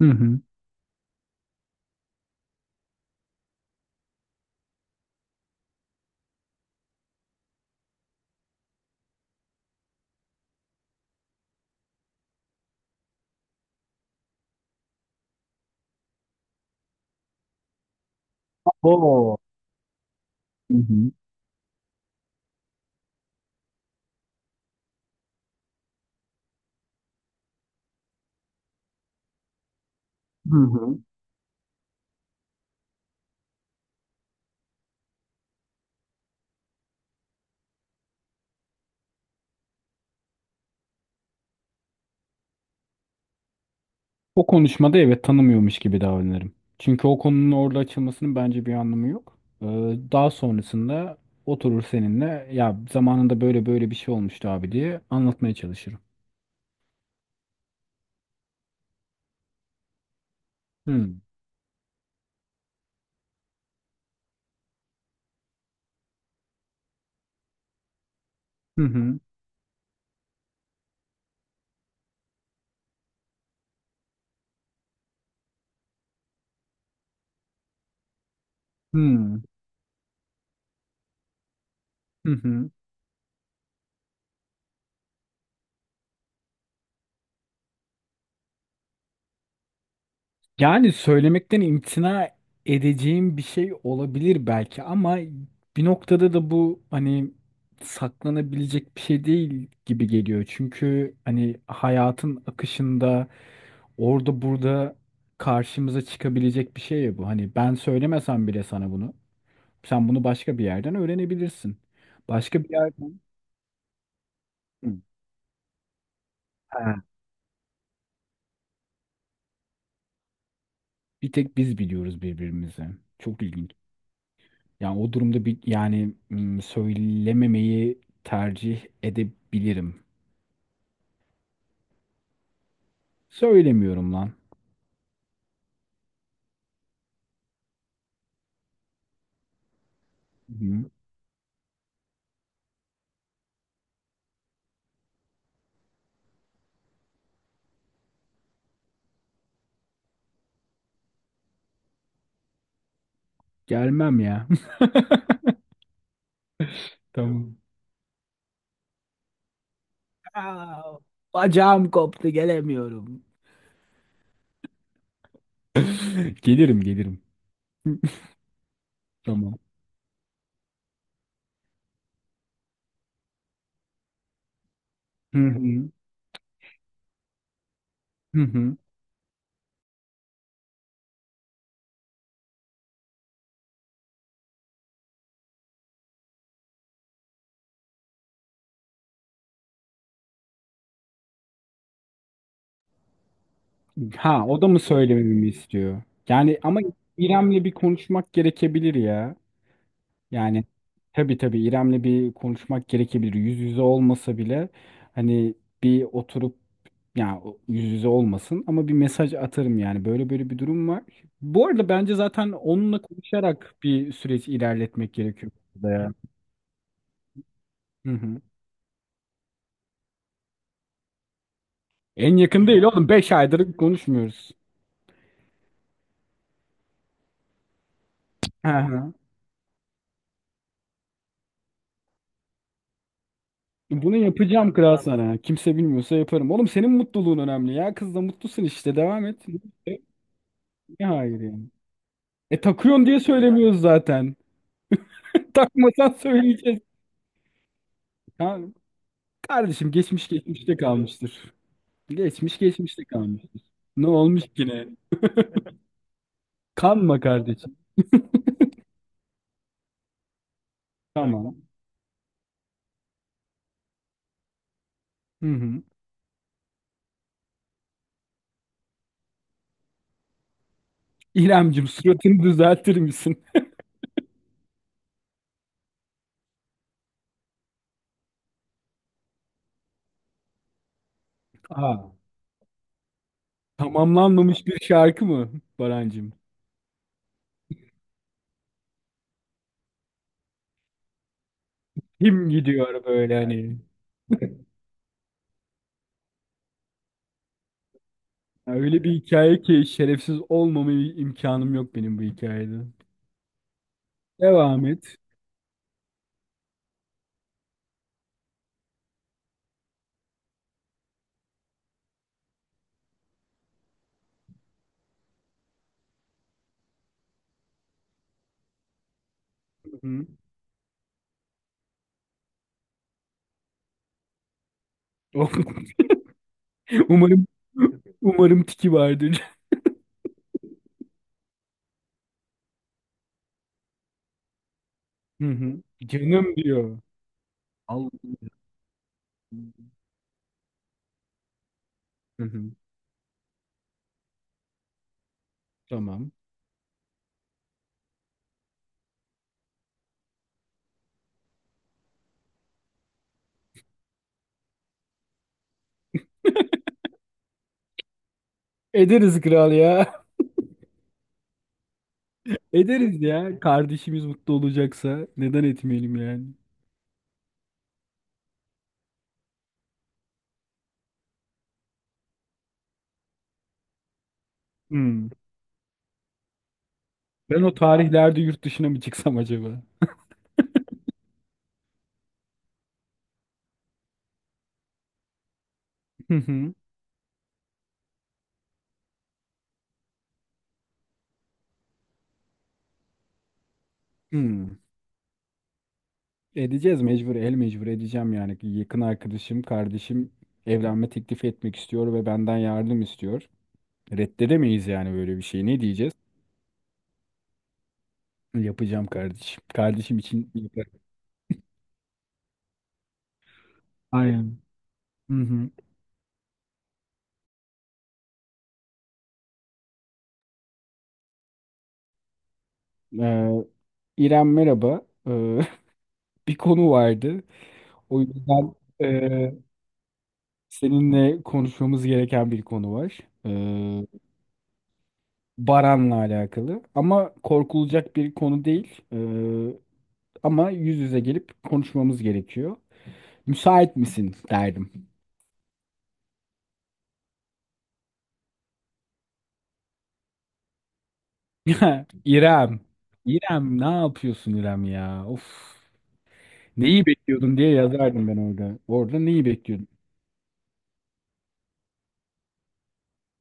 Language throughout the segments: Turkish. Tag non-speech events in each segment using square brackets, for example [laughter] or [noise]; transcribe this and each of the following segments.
Hı hı. Oo. Hı hı. Hı hı. O konuşmada evet tanımıyormuş gibi davranırım. Çünkü o konunun orada açılmasının bence bir anlamı yok. Daha sonrasında oturur seninle ya zamanında böyle böyle bir şey olmuştu abi diye anlatmaya çalışırım. Hı hı. Hı hı. Hı hı. Yani söylemekten imtina edeceğim bir şey olabilir belki ama bir noktada da bu hani saklanabilecek bir şey değil gibi geliyor. Çünkü hani hayatın akışında orada burada karşımıza çıkabilecek bir şey ya bu. Hani ben söylemesem bile sana bunu, sen bunu başka bir yerden öğrenebilirsin. Başka bir yerden. Hı. Ha, bir tek biz biliyoruz birbirimizi. Çok ilginç. Yani o durumda bir yani söylememeyi tercih edebilirim. Söylemiyorum lan. Hı. Gelmem ya. [laughs] Tamam. Bacağım koptu gelemiyorum. [laughs] Gelirim, gelirim. Tamam. Hı hı. Hı hı. Ha o da mı söylememi istiyor? Yani ama İrem'le bir konuşmak gerekebilir ya. Yani tabii, tabii İrem'le bir konuşmak gerekebilir. Yüz yüze olmasa bile hani bir oturup yani yüz yüze olmasın ama bir mesaj atarım yani. Böyle böyle bir durum var. Bu arada bence zaten onunla konuşarak bir süreç ilerletmek gerekiyor burada ya. Hı hı. En yakın değil oğlum. Beş aydır konuşmuyoruz. Hı hı. Bunu yapacağım kral sana. Kimse bilmiyorsa yaparım. Oğlum senin mutluluğun önemli ya. Kızla mutlusun işte. Devam et. Ne hayır yani. E takıyorsun diye söylemiyoruz zaten. [laughs] Takmasan söyleyeceğiz. Tamam. Kardeşim geçmiş geçmişte kalmıştır. Geçmiş geçmişte kalmıştır. Ne olmuş ki ne? Kanma kardeşim. Tamam. Hı hı. İremcim suratını düzeltir misin? Aa, tamamlanmamış bir şarkı mı Barancım? Kim gidiyor böyle hani? Ya öyle bir hikaye ki şerefsiz olmama imkanım yok benim bu hikayede. Devam et. Hı hı. [laughs] Umarım umarım tiki vardır. Hı hı. Canım diyor. Allah. Hı hı, tamam. Ederiz kral ya. [laughs] Ederiz ya. Kardeşimiz mutlu olacaksa neden etmeyelim yani? Hmm. Ben o tarihlerde yurt dışına mı çıksam acaba? Hı hı. Hmm. Edeceğiz mecbur, el mecbur edeceğim yani. Yakın arkadaşım, kardeşim evlenme teklifi etmek istiyor ve benden yardım istiyor. Reddedemeyiz yani böyle bir şey. Ne diyeceğiz? Yapacağım kardeşim. Kardeşim için yaparım. Aynen. Hı hı. Ee, İrem merhaba. Ee, [laughs] bir konu vardı. O yüzden e, seninle konuşmamız gereken bir konu var. E, Baran'la alakalı. Ama korkulacak bir konu değil. Ama yüz yüze gelip konuşmamız gerekiyor. Müsait misin derdim. [laughs] İrem. İrem ne yapıyorsun İrem ya? Of. Neyi bekliyordun diye yazardım ben orada. Orada neyi bekliyordun?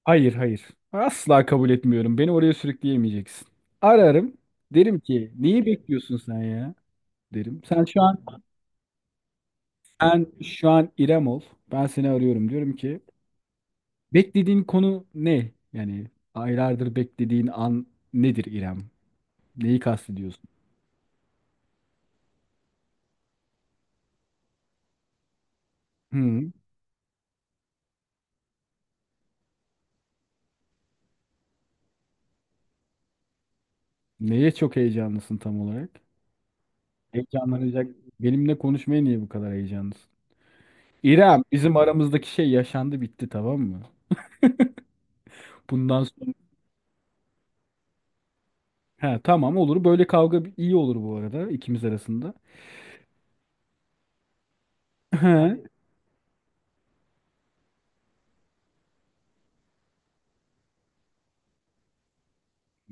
Hayır, hayır. Asla kabul etmiyorum. Beni oraya sürükleyemeyeceksin. Ararım. Derim ki neyi bekliyorsun sen ya, derim. Sen şu an İrem ol. Ben seni arıyorum. Diyorum ki beklediğin konu ne? Yani aylardır beklediğin an nedir İrem? Neyi kastediyorsun? Hı. Neye çok heyecanlısın tam olarak? Heyecanlanacak. Benimle konuşmaya niye bu kadar heyecanlısın? İrem, bizim aramızdaki şey yaşandı bitti tamam mı? Bundan sonra he, tamam olur. Böyle kavga iyi olur bu arada ikimiz arasında. He,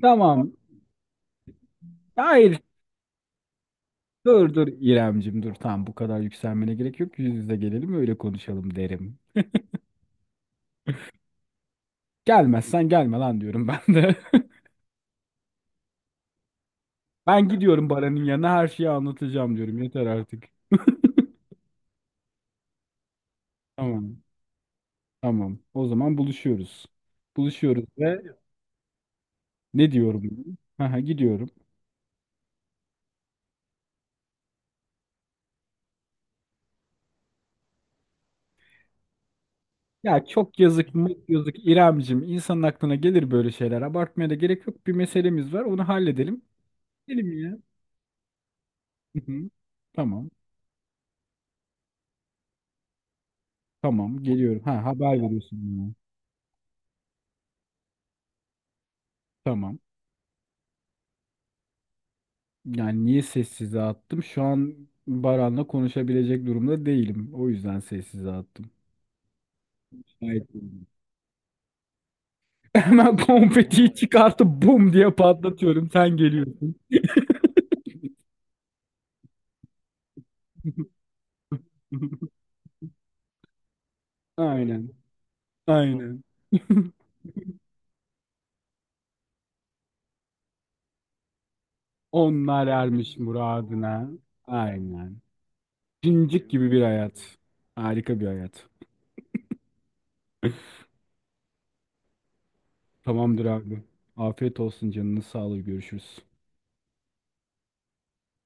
tamam. Hayır Dur, dur İremcim dur tamam bu kadar yükselmene gerek yok. Yüz yüze gelelim öyle konuşalım derim. Gelmezsen gelme lan diyorum ben de. [laughs] Ben gidiyorum Baran'ın yanına her şeyi anlatacağım diyorum. Yeter artık. Tamam tamam o zaman buluşuyoruz. Buluşuyoruz ve ne diyorum? Aha, gidiyorum. Ya çok yazık mı yazık İremcim insanın aklına gelir böyle şeyler. Abartmaya da gerek yok. Bir meselemiz var onu halledelim. Gidelim ya. Hı hı. Tamam tamam, geliyorum. Ha haber veriyorsun bana. Tamam. Yani niye sessize attım? Şu an Baran'la konuşabilecek durumda değilim. O yüzden sessize attım. Gayet iyi. [laughs] Hemen konfetiyi çıkartıp bum diye patlatıyorum. Sen geliyorsun. [laughs] Aynen. Aynen. [laughs] Onlar ermiş muradına. Aynen. Cincik gibi bir hayat. Harika bir hayat. Tamamdır abi. Afiyet olsun canını sağlığı. Görüşürüz.